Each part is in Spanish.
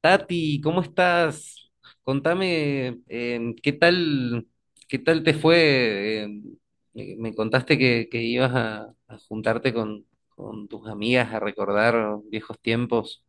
Tati, ¿cómo estás? Contame, qué tal te fue? Me contaste que ibas a juntarte con tus amigas a recordar viejos tiempos.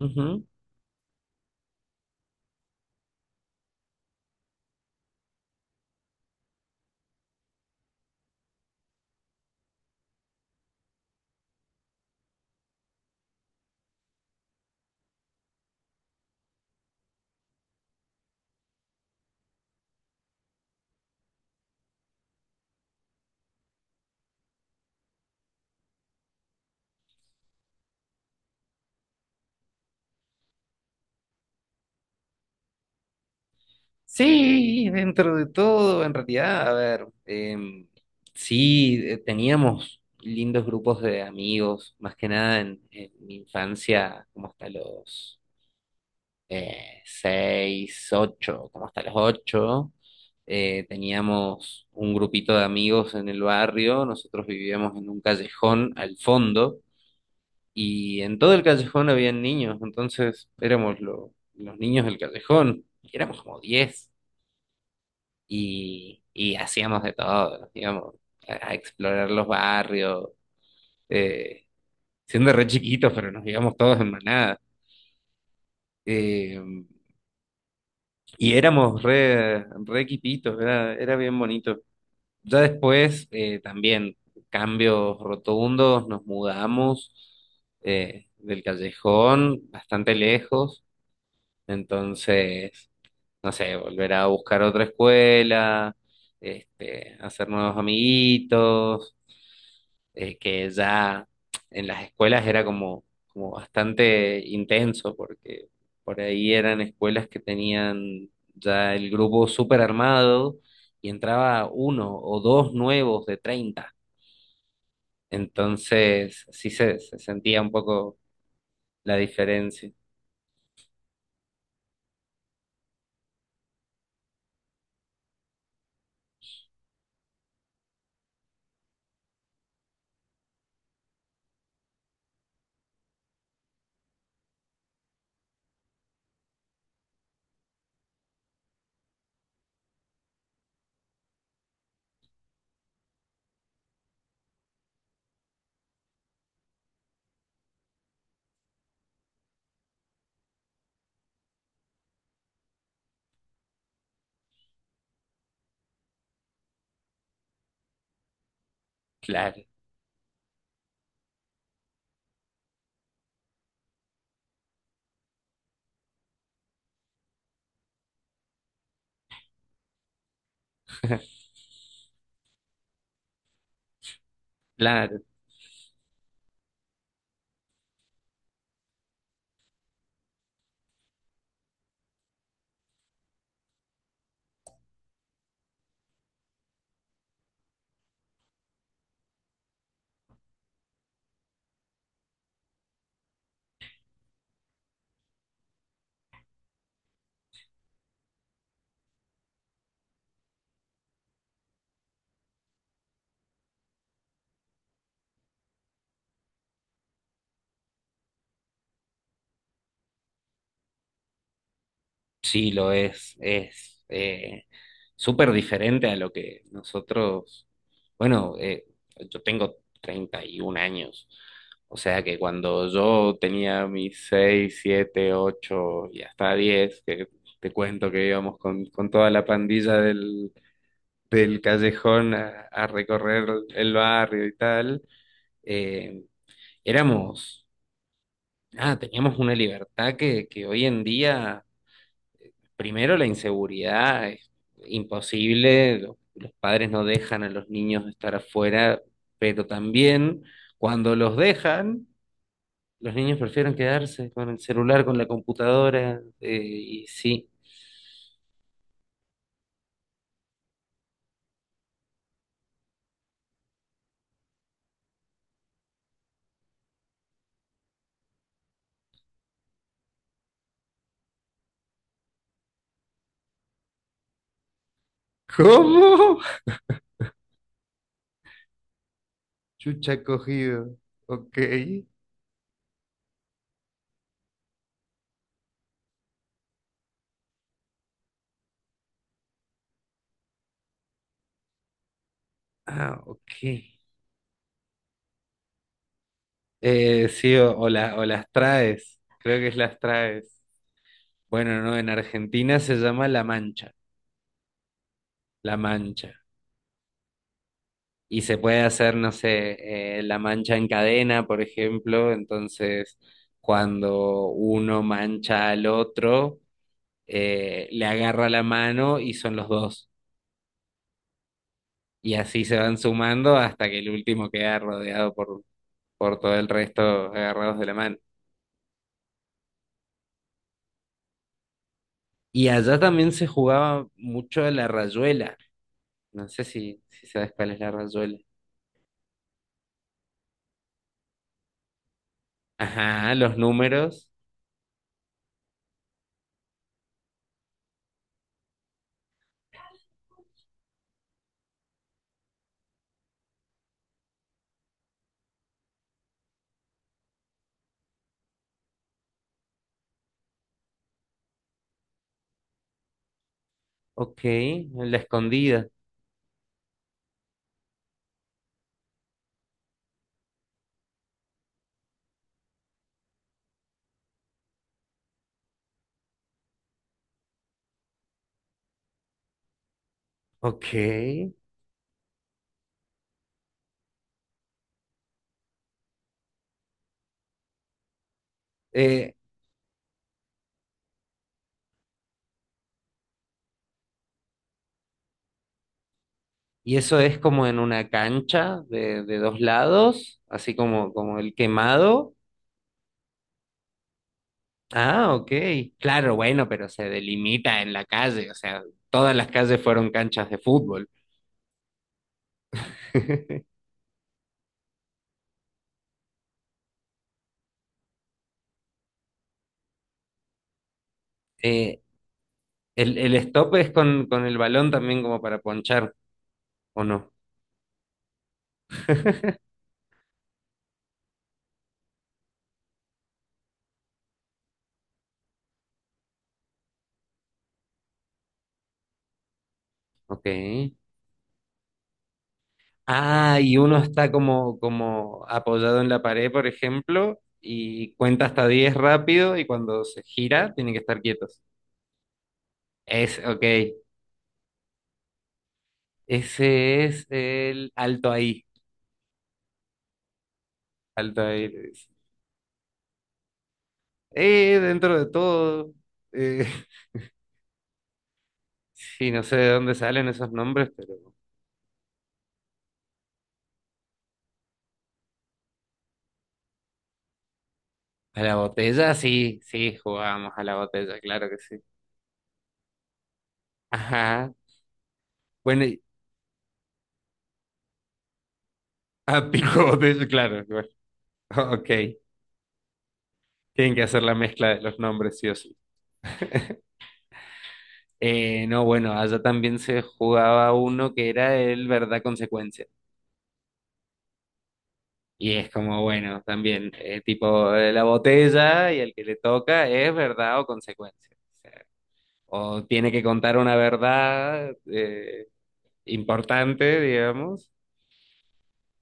Ujú. Sí, dentro de todo, en realidad, a ver, sí, teníamos lindos grupos de amigos, más que nada en, en mi infancia, como hasta los seis, ocho, como hasta las ocho. Teníamos un grupito de amigos en el barrio, nosotros vivíamos en un callejón al fondo y en todo el callejón habían niños, entonces éramos los niños del callejón, y éramos como 10 y hacíamos de todo, nos íbamos a explorar los barrios, eh, siendo re chiquitos, pero nos íbamos todos en manada. Eh, Y éramos re equipitos, era bien bonito. Ya después, también, cambios rotundos, nos mudamos del callejón bastante lejos, entonces, no sé, volver a buscar otra escuela, este, hacer nuevos amiguitos, que ya en las escuelas era como, como bastante intenso, porque por ahí eran escuelas que tenían ya el grupo súper armado y entraba uno o dos nuevos de 30. Entonces sí se sentía un poco la diferencia. Claro, claro. Sí, lo es. Es súper diferente a lo que nosotros, bueno, yo tengo 31 años, o sea que cuando yo tenía mis 6, 7, 8, y hasta 10, que te cuento que íbamos con toda la pandilla del callejón a recorrer el barrio y tal, eh, éramos, ah, teníamos una libertad que hoy en día... Primero, la inseguridad es imposible, los padres no dejan a los niños estar afuera, pero también cuando los dejan, los niños prefieren quedarse con el celular, con la computadora, y sí. ¿Cómo? Chucha cogido. Ok. Ah, ok. Sí, o, o las traes. Creo que es las traes. Bueno, no, en Argentina se llama La Mancha. La Mancha. Y se puede hacer, no sé, la mancha en cadena, por ejemplo, entonces cuando uno mancha al otro, le agarra la mano y son los dos. Y así se van sumando hasta que el último queda rodeado por todo el resto agarrados de la mano. Y allá también se jugaba mucho la rayuela. No sé si sabes cuál es la rayuela. Ajá, los números. Ok, la escondida. Ok. Eh, Y eso es como en una cancha de dos lados, así como el quemado. Ah, ok. Claro, bueno, pero se delimita en la calle, o sea, todas las calles fueron canchas de fútbol. Eh, el stop es con el balón también como para ponchar, ¿o no? Ok. Ah, y uno está como apoyado en la pared, por ejemplo, y cuenta hasta 10 rápido y cuando se gira tienen que estar quietos. Ok, ese es el alto ahí. Alto ahí, le dicen. Dentro de todo. eh, sí, no sé de dónde salen esos nombres, pero. A la botella, sí, sí, jugábamos a la botella, claro que sí. Ajá. Bueno, a pico botella, claro. Bueno, ok. Tienen que hacer la mezcla de los nombres, sí o sí. No, bueno, allá también se jugaba uno que era el verdad consecuencia. Y es como, bueno, también, tipo la botella y el que le toca es verdad o consecuencia. O sea, o tiene que contar una verdad importante, digamos,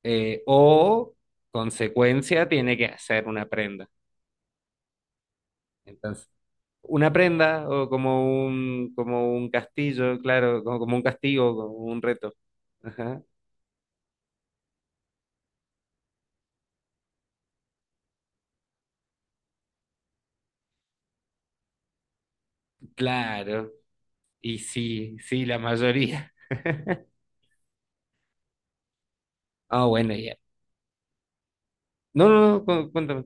o consecuencia tiene que hacer una prenda. Entonces, una prenda o como un castillo, claro, como un castigo, como un reto. Ajá. Claro, y sí, sí, la mayoría. Ah, bueno, ya. No, no, no, cuéntame.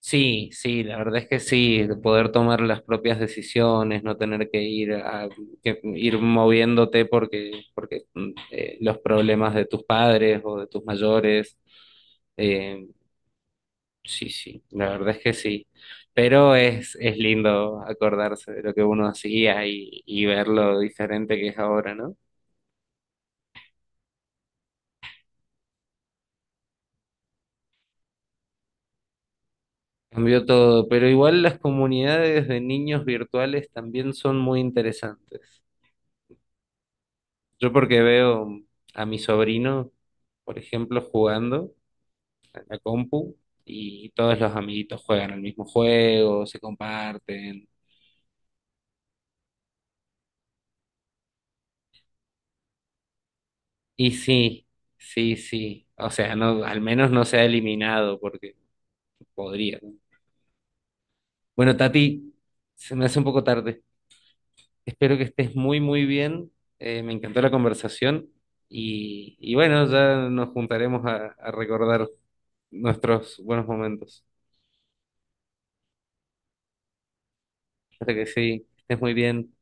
Sí, sí, la verdad es que sí, de poder tomar las propias decisiones, no tener que ir moviéndote porque, porque los problemas de tus padres o de tus mayores, eh, sí, sí, la verdad es que sí. Pero es lindo acordarse de lo que uno hacía y ver lo diferente que es ahora, ¿no? Cambió todo, pero igual las comunidades de niños virtuales también son muy interesantes. Yo porque veo a mi sobrino, por ejemplo, jugando en la compu y todos los amiguitos juegan el mismo juego, se comparten. Y sí, sí, sí. O sea, no, al menos no se ha eliminado porque podría, ¿no? Bueno, Tati, se me hace un poco tarde. Espero que estés muy, muy bien. Me encantó la conversación y bueno, ya nos juntaremos a recordar nuestros buenos momentos. Hasta que sí, estés muy bien.